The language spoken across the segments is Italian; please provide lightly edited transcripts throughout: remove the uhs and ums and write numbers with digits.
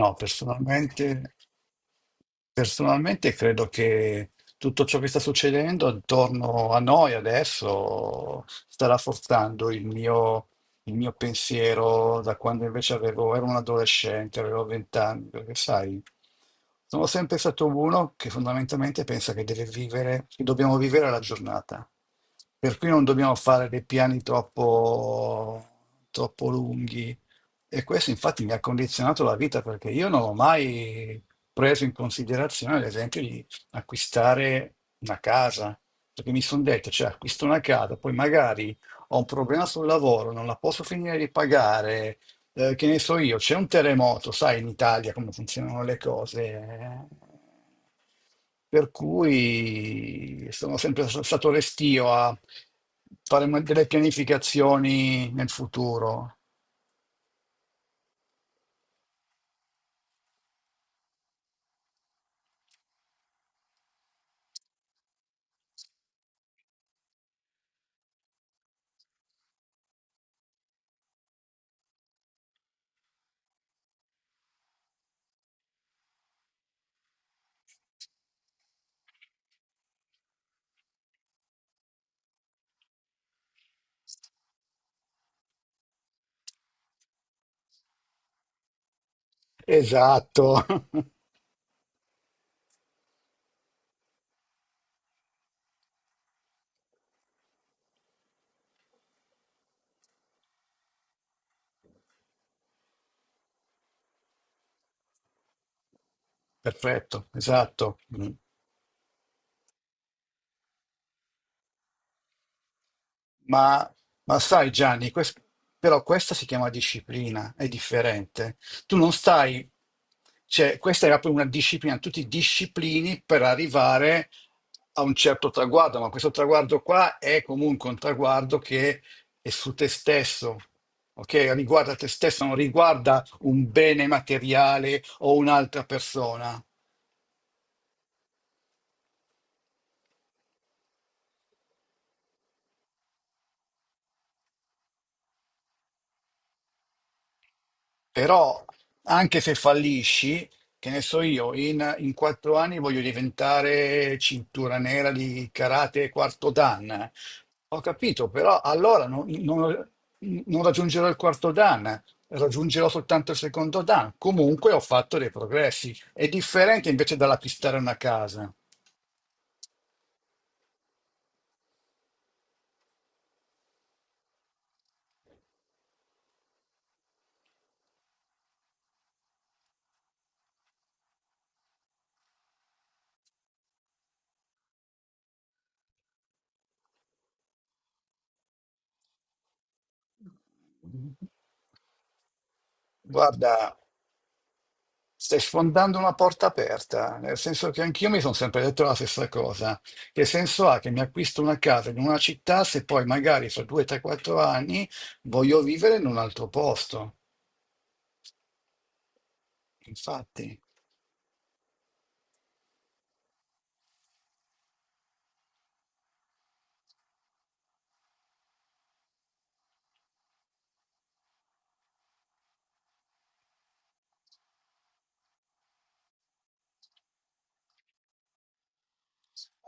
No, personalmente Personalmente credo che tutto ciò che sta succedendo attorno a noi adesso sta rafforzando il mio pensiero da quando invece ero un adolescente, avevo 20 anni, perché sai, sono sempre stato uno che fondamentalmente pensa che deve vivere, che dobbiamo vivere la giornata. Per cui non dobbiamo fare dei piani troppo lunghi. E questo infatti mi ha condizionato la vita, perché io non ho mai preso in considerazione, ad esempio, di acquistare una casa, perché mi sono detto, cioè, acquisto una casa, poi magari ho un problema sul lavoro, non la posso finire di pagare, che ne so io, c'è un terremoto, sai in Italia come funzionano le cose. Per cui sono sempre stato restio a fare delle pianificazioni nel futuro. Esatto. Perfetto, esatto. Mm. Ma, ma sai Gianni, però questa si chiama disciplina, è differente. Tu non stai, cioè questa era proprio una disciplina, tu ti disciplini per arrivare a un certo traguardo, ma questo traguardo qua è comunque un traguardo che è su te stesso, ok? Riguarda te stesso, non riguarda un bene materiale o un'altra persona. Però anche se fallisci, che ne so io, in 4 anni voglio diventare cintura nera di karate quarto dan. Ho capito, però allora non raggiungerò il quarto dan, raggiungerò soltanto il secondo dan. Comunque ho fatto dei progressi. È differente invece dalla pistare una casa. Guarda. Stai sfondando una porta aperta, nel senso che anch'io mi sono sempre detto la stessa cosa. Che senso ha che mi acquisto una casa in una città se poi magari fra 2-3-4 anni voglio vivere in un altro posto? Infatti,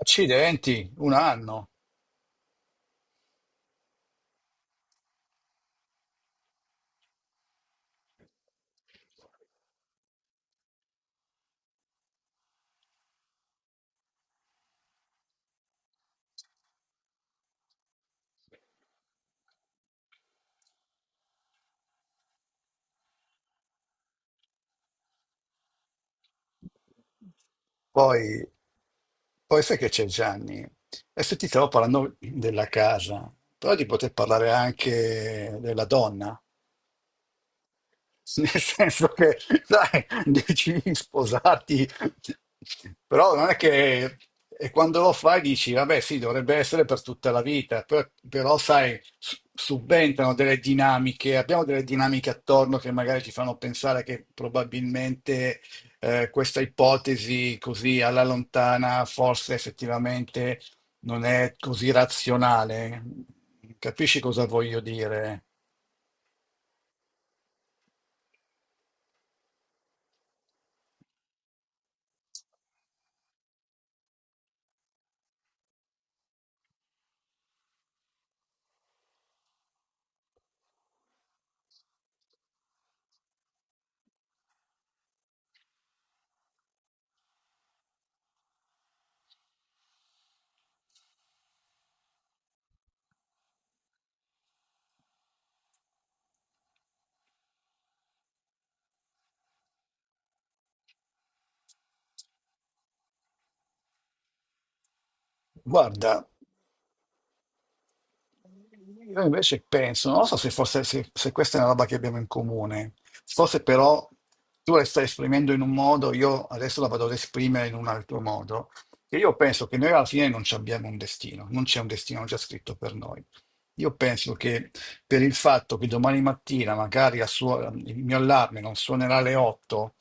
accidenti, un anno. Poi, poi sai che c'è Gianni? Adesso ti stavo parlando della casa, però ti poter parlare anche della donna. Nel senso che, sai, decidi sposati, però non è che... E quando lo fai dici, vabbè, sì, dovrebbe essere per tutta la vita, però, sai, subentrano delle dinamiche, abbiamo delle dinamiche attorno che magari ci fanno pensare che probabilmente questa ipotesi così alla lontana forse effettivamente non è così razionale. Capisci cosa voglio dire? Guarda. Io invece penso, non so se fosse, se, se questa è una roba che abbiamo in comune, forse però tu la stai esprimendo in un modo, io adesso la vado ad esprimere in un altro modo, che io penso che noi alla fine non ci abbiamo un destino, non c'è un destino già scritto per noi. Io penso che per il fatto che domani mattina magari il mio allarme non suonerà alle 8,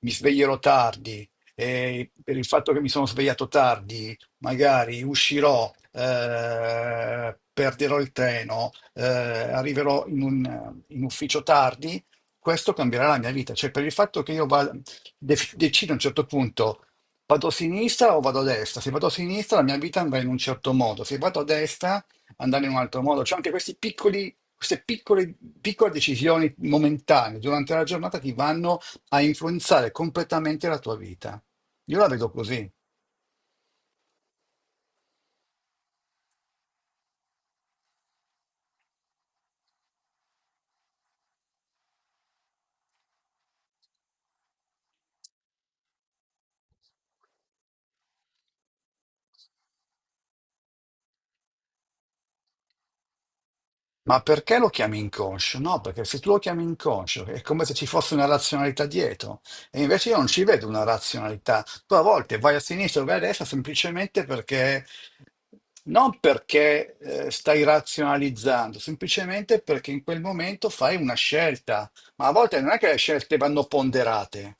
mi sveglierò tardi, e per il fatto che mi sono svegliato tardi magari uscirò, perderò il treno, arriverò in ufficio tardi, questo cambierà la mia vita. Cioè, per il fatto che io decido a un certo punto, vado a sinistra o vado a destra? Se vado a sinistra, la mia vita andrà in un certo modo, se vado a destra, andrà in un altro modo. Cioè, anche questi piccoli. Queste piccole, piccole decisioni momentanee durante la giornata ti vanno a influenzare completamente la tua vita. Io la vedo così. Ma perché lo chiami inconscio? No, perché se tu lo chiami inconscio è come se ci fosse una razionalità dietro. E invece io non ci vedo una razionalità. Tu a volte vai a sinistra o vai a destra semplicemente perché, non perché stai razionalizzando, semplicemente perché in quel momento fai una scelta. Ma a volte non è che le scelte vanno ponderate.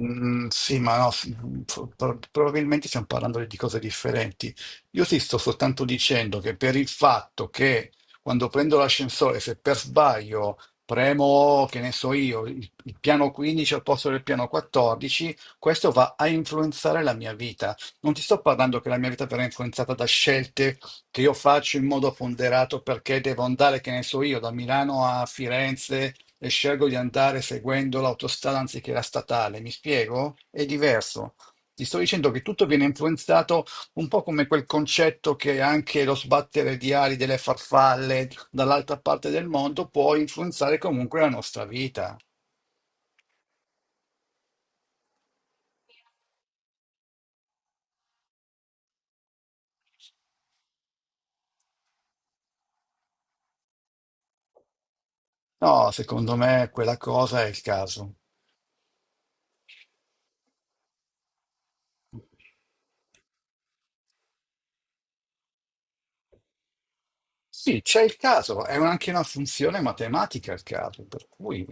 Mm, sì, ma no, sì, mm, probabilmente stiamo parlando di cose differenti. Io ti sto soltanto dicendo che per il fatto che quando prendo l'ascensore, se per sbaglio premo, che ne so io, il piano 15 al posto del piano 14, questo va a influenzare la mia vita. Non ti sto parlando che la mia vita verrà influenzata da scelte che io faccio in modo ponderato perché devo andare, che ne so io, da Milano a Firenze e scelgo di andare seguendo l'autostrada anziché la statale. Mi spiego? È diverso. Ti sto dicendo che tutto viene influenzato un po' come quel concetto che anche lo sbattere di ali delle farfalle dall'altra parte del mondo può influenzare comunque la nostra vita. No, secondo me quella cosa è il caso. Sì, c'è il caso, è un- anche una funzione matematica il caso, per cui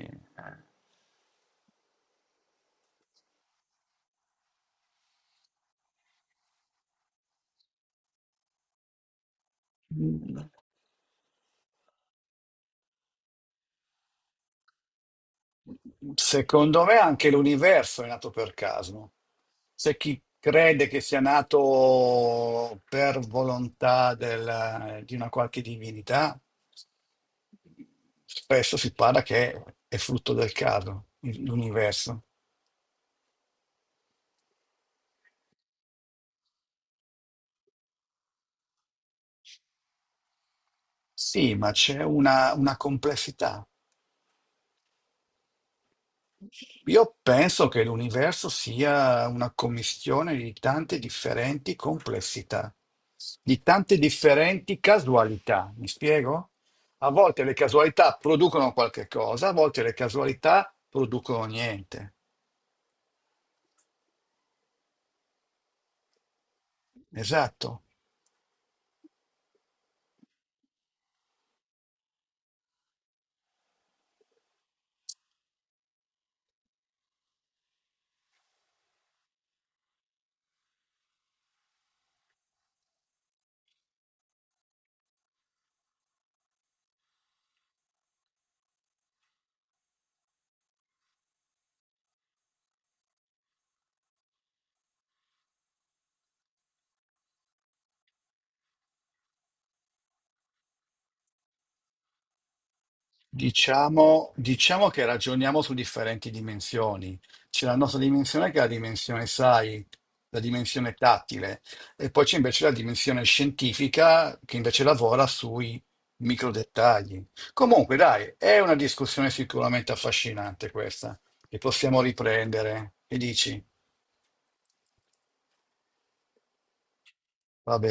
secondo me anche l'universo è nato per caso. C'è chi crede che sia nato per volontà di una qualche divinità, spesso si parla che è frutto del caso, l'universo. Sì, ma c'è una complessità. Io penso che l'universo sia una commistione di tante differenti complessità, di tante differenti casualità. Mi spiego? A volte le casualità producono qualche cosa, a volte le casualità producono niente. Esatto. Diciamo che ragioniamo su differenti dimensioni. C'è la nostra dimensione che è la dimensione, sai, la dimensione tattile, e poi c'è invece la dimensione scientifica che invece lavora sui micro dettagli. Comunque, dai, è una discussione sicuramente affascinante questa, che possiamo riprendere. Che dici? Va bene.